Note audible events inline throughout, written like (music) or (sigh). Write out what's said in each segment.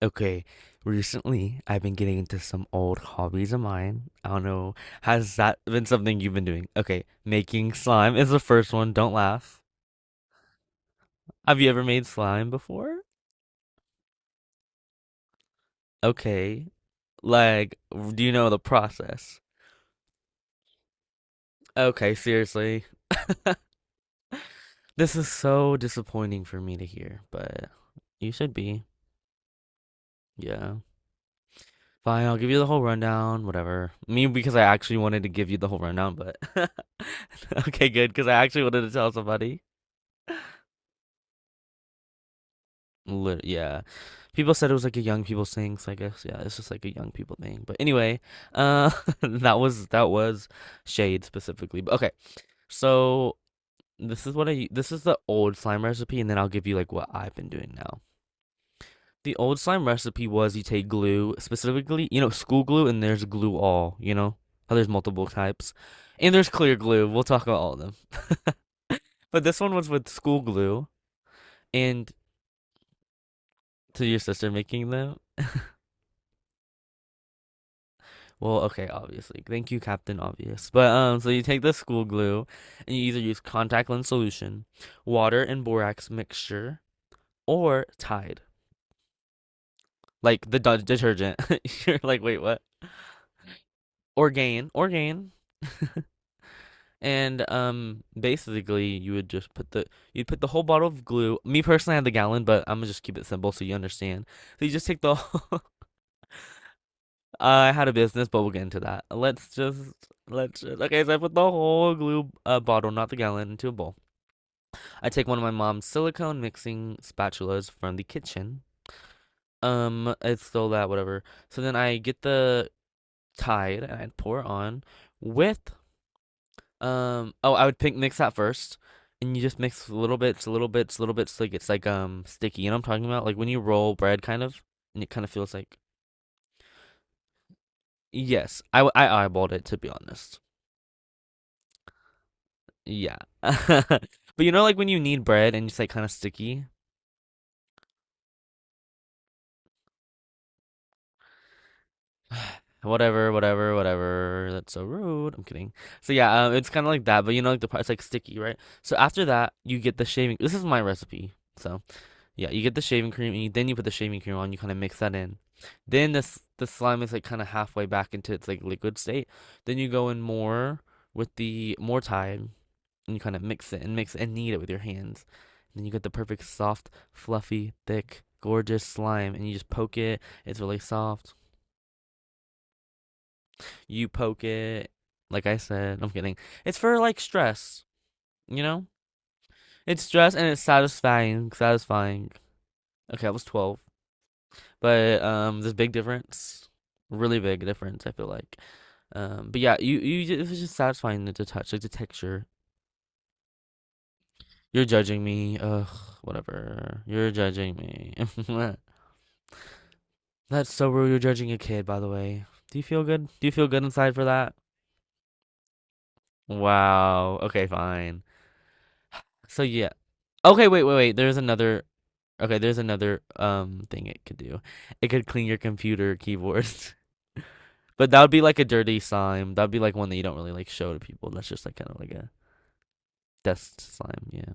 Okay, recently I've been getting into some old hobbies of mine. I don't know, has that been something you've been doing? Okay, making slime is the first one. Don't laugh. Have you ever made slime before? Okay, like, do you know the process? Okay, seriously. This is so disappointing for me to hear, but you should be. Yeah. Fine, I'll give you the whole rundown, whatever. Me, because I actually wanted to give you the whole rundown, but (laughs) okay, good, because I actually wanted to tell somebody. Lit Yeah. People said it was like a young people thing, so I guess yeah, it's just like a young people thing. But anyway, uh (laughs) that was shade specifically. But okay. So this is the old slime recipe, and then I'll give you like what I've been doing now. The old slime recipe was you take glue, specifically, school glue, and there's glue all, you know? How there's multiple types. And there's clear glue. We'll talk about all of them. But this one was with school glue and to your sister making them. Well, okay, obviously. Thank you, Captain Obvious. But so you take the school glue and you either use contact lens solution, water and borax mixture, or Tide, like the detergent. (laughs) You're like, wait, what? Orgain, Orgain. (laughs) And basically, you would just put the you'd put the whole bottle of glue. Me personally, I had the gallon, but I'm gonna just keep it simple so you understand. So you just take the (laughs) whole, I had a business, but we'll get into that. Let's just okay. So I put the whole glue bottle, not the gallon, into a bowl. I take one of my mom's silicone mixing spatulas from the kitchen. It's still that whatever. So then I get the Tide and I'd pour on with Oh, I would pick mix that first, and you just mix little bits, little bits, little bits, like it's like sticky. You know what I'm talking about? Like when you roll bread, kind of, and it kind of feels like yes. I eyeballed it, to be honest. Yeah. (laughs) But you know, like when you need bread and it's like kind of sticky? Whatever, whatever, whatever. That's so rude. I'm kidding. So yeah, it's kind of like that. But like the part, it's like sticky, right? So after that, you get the shaving. This is my recipe. So yeah, you get the shaving cream and then you put the shaving cream on. You kind of mix that in. Then this the slime is like kind of halfway back into its like liquid state. Then you go in more with the more thyme, and you kind of mix it and knead it with your hands. And then you get the perfect soft, fluffy, thick, gorgeous slime, and you just poke it. It's really soft. You poke it, like I said. No, I'm kidding. It's for like stress, you know. It's stress and it's satisfying. Satisfying. Okay, I was 12, but there's a big difference. Really big difference, I feel like. But yeah, you it was just satisfying to touch, like the texture. You're judging me. Ugh, whatever. You're judging me. (laughs) That's so rude. You're judging a kid, by the way. Do you feel good? Do you feel good inside for that? Wow. Okay, fine. So yeah. Okay, wait, wait, wait. There's another. Okay, there's another thing it could do. It could clean your computer keyboard. (laughs) But that would be like a dirty slime. That'd be like one that you don't really like show to people. That's just like kind of like a dust slime. Yeah.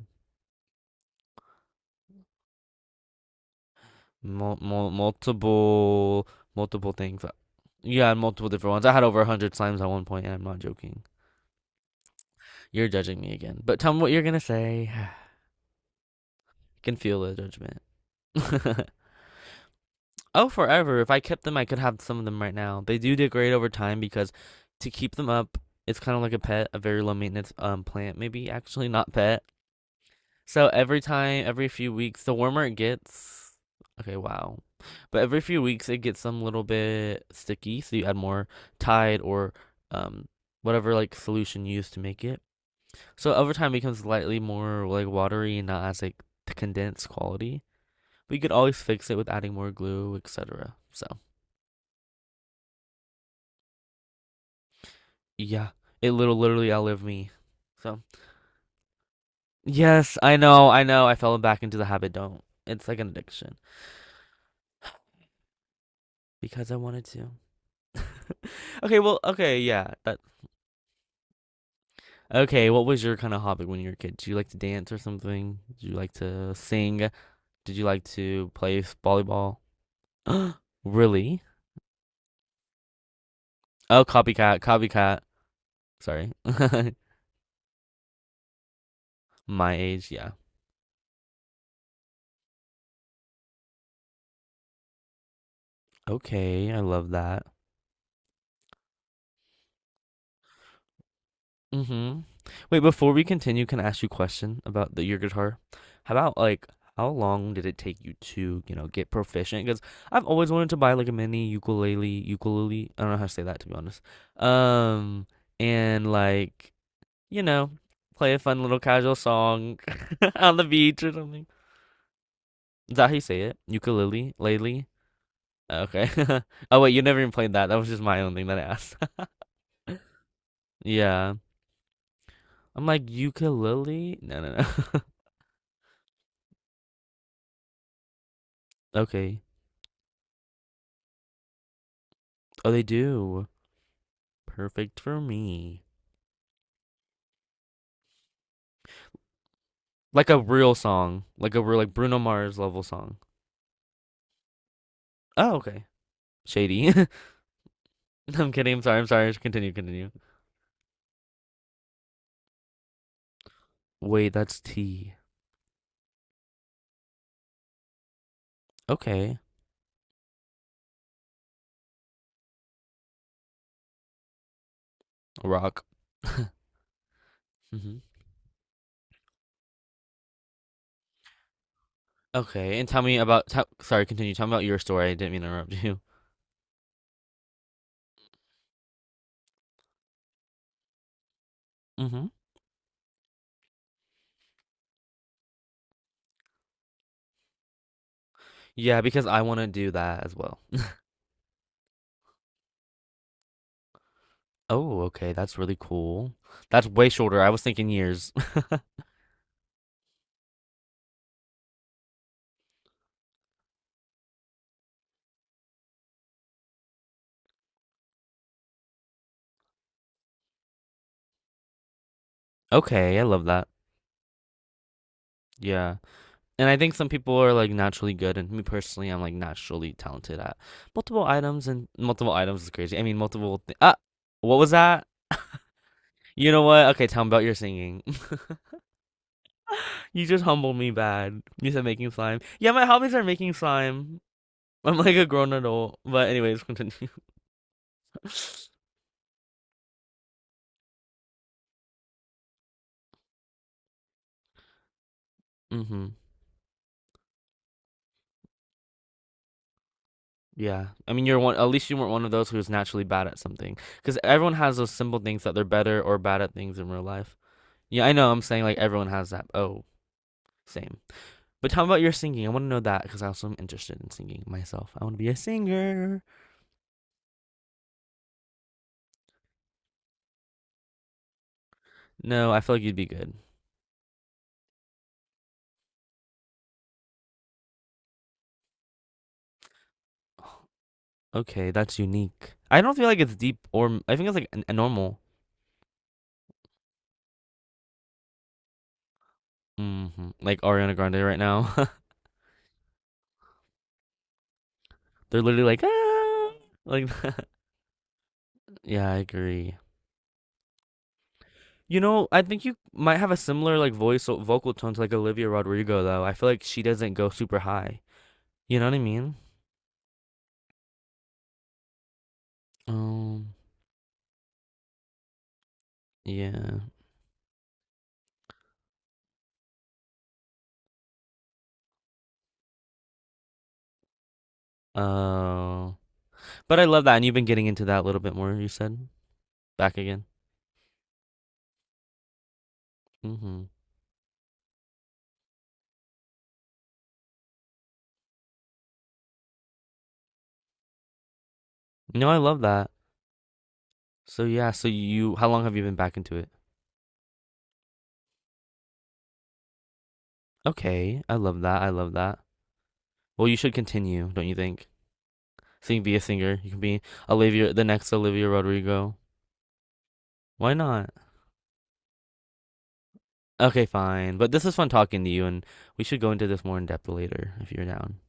Mul- mul- multiple multiple things. Yeah, multiple different ones. I had over 100 slimes at one point, and I'm not joking. You're judging me again. But tell me what you're gonna say. (sighs) Can feel the judgment. (laughs) Oh, forever. If I kept them, I could have some of them right now. They do degrade over time, because to keep them up, it's kind of like a pet, a very low maintenance plant, maybe actually not pet. So every time, every few weeks, the warmer it gets, okay, wow. But every few weeks, it gets some little bit sticky, so you add more Tide or um whatever like solution you use to make it. So over time, it becomes slightly more like watery and not as like the condensed quality. But you could always fix it with adding more glue, etc. So yeah, it little literally outlived me. So yes, I know, I know, I fell back into the habit. Don't. It's like an addiction because I wanted to. (laughs) Okay, well, okay, yeah. That okay. What was your kind of hobby when you were a kid? Did you like to dance or something? Did you like to sing? Did you like to play volleyball? (gasps) Really? Oh, copycat, copycat. Sorry, (laughs) my age. Yeah. Okay, I love that. Mhm. Wait, before we continue, can I ask you a question about your guitar? How about like how long did it take you to, get proficient? Because I've always wanted to buy like a mini ukulele, ukulele. I don't know how to say that, to be honest. Um, and like, you know, play a fun little casual song (laughs) on the beach or something. Is that how you say it? Ukulele, lately? Okay. (laughs) Oh wait, you never even played that. That was just my own thing that I asked. (laughs) Yeah. I'm like ukulele? No, no, no. (laughs) Okay. Oh, they do. Perfect for me. Like a real song, like a real like Bruno Mars level song. Oh, okay. Shady. (laughs) I'm kidding. I'm sorry. I'm sorry. Continue. Continue. Wait, that's T. Okay. Rock. (laughs) Hmm. Okay, and tell me about. Tell, sorry, continue. Tell me about your story. I didn't mean to interrupt you. Hmm. Yeah, because I want to do that as well. Oh, okay. That's really cool. That's way shorter. I was thinking years. (laughs) Okay, I love that. Yeah. And I think some people are like naturally good, and me personally, I'm like naturally talented at multiple items, and multiple items is crazy. I mean, multiple. What was that? You know what? Okay, tell me about your singing. (laughs) You just humbled me bad. You said making slime. Yeah, my hobbies are making slime. I'm like a grown adult, but anyways, (laughs) continue. Hmm. Yeah, I mean, you're one. At least you weren't one of those who's naturally bad at something, because everyone has those simple things that they're better or bad at things in real life. Yeah, I know. I'm saying like everyone has that. Oh, same. But how about your singing? I want to know that because I also am interested in singing myself. I want to be a singer. No, I feel like you'd be good. Okay, that's unique. I don't feel like it's deep, or I think it's like a normal. Hmm. Like Ariana Grande right now. (laughs) They're literally like, ah, like (laughs) that. Yeah, I agree. You know, I think you might have a similar like voice or vocal tone to like Olivia Rodrigo though. I feel like she doesn't go super high. You know what I mean? Um, yeah. Oh. But I love that, and you've been getting into that a little bit more, you said? Back again. Hmm. No, I love that. So yeah, so you how long have you been back into it? Okay, I love that. I love that. Well, you should continue, don't you think? So you can be a singer. You can be Olivia, the next Olivia Rodrigo. Why not? Okay, fine. But this is fun talking to you, and we should go into this more in depth later if you're down.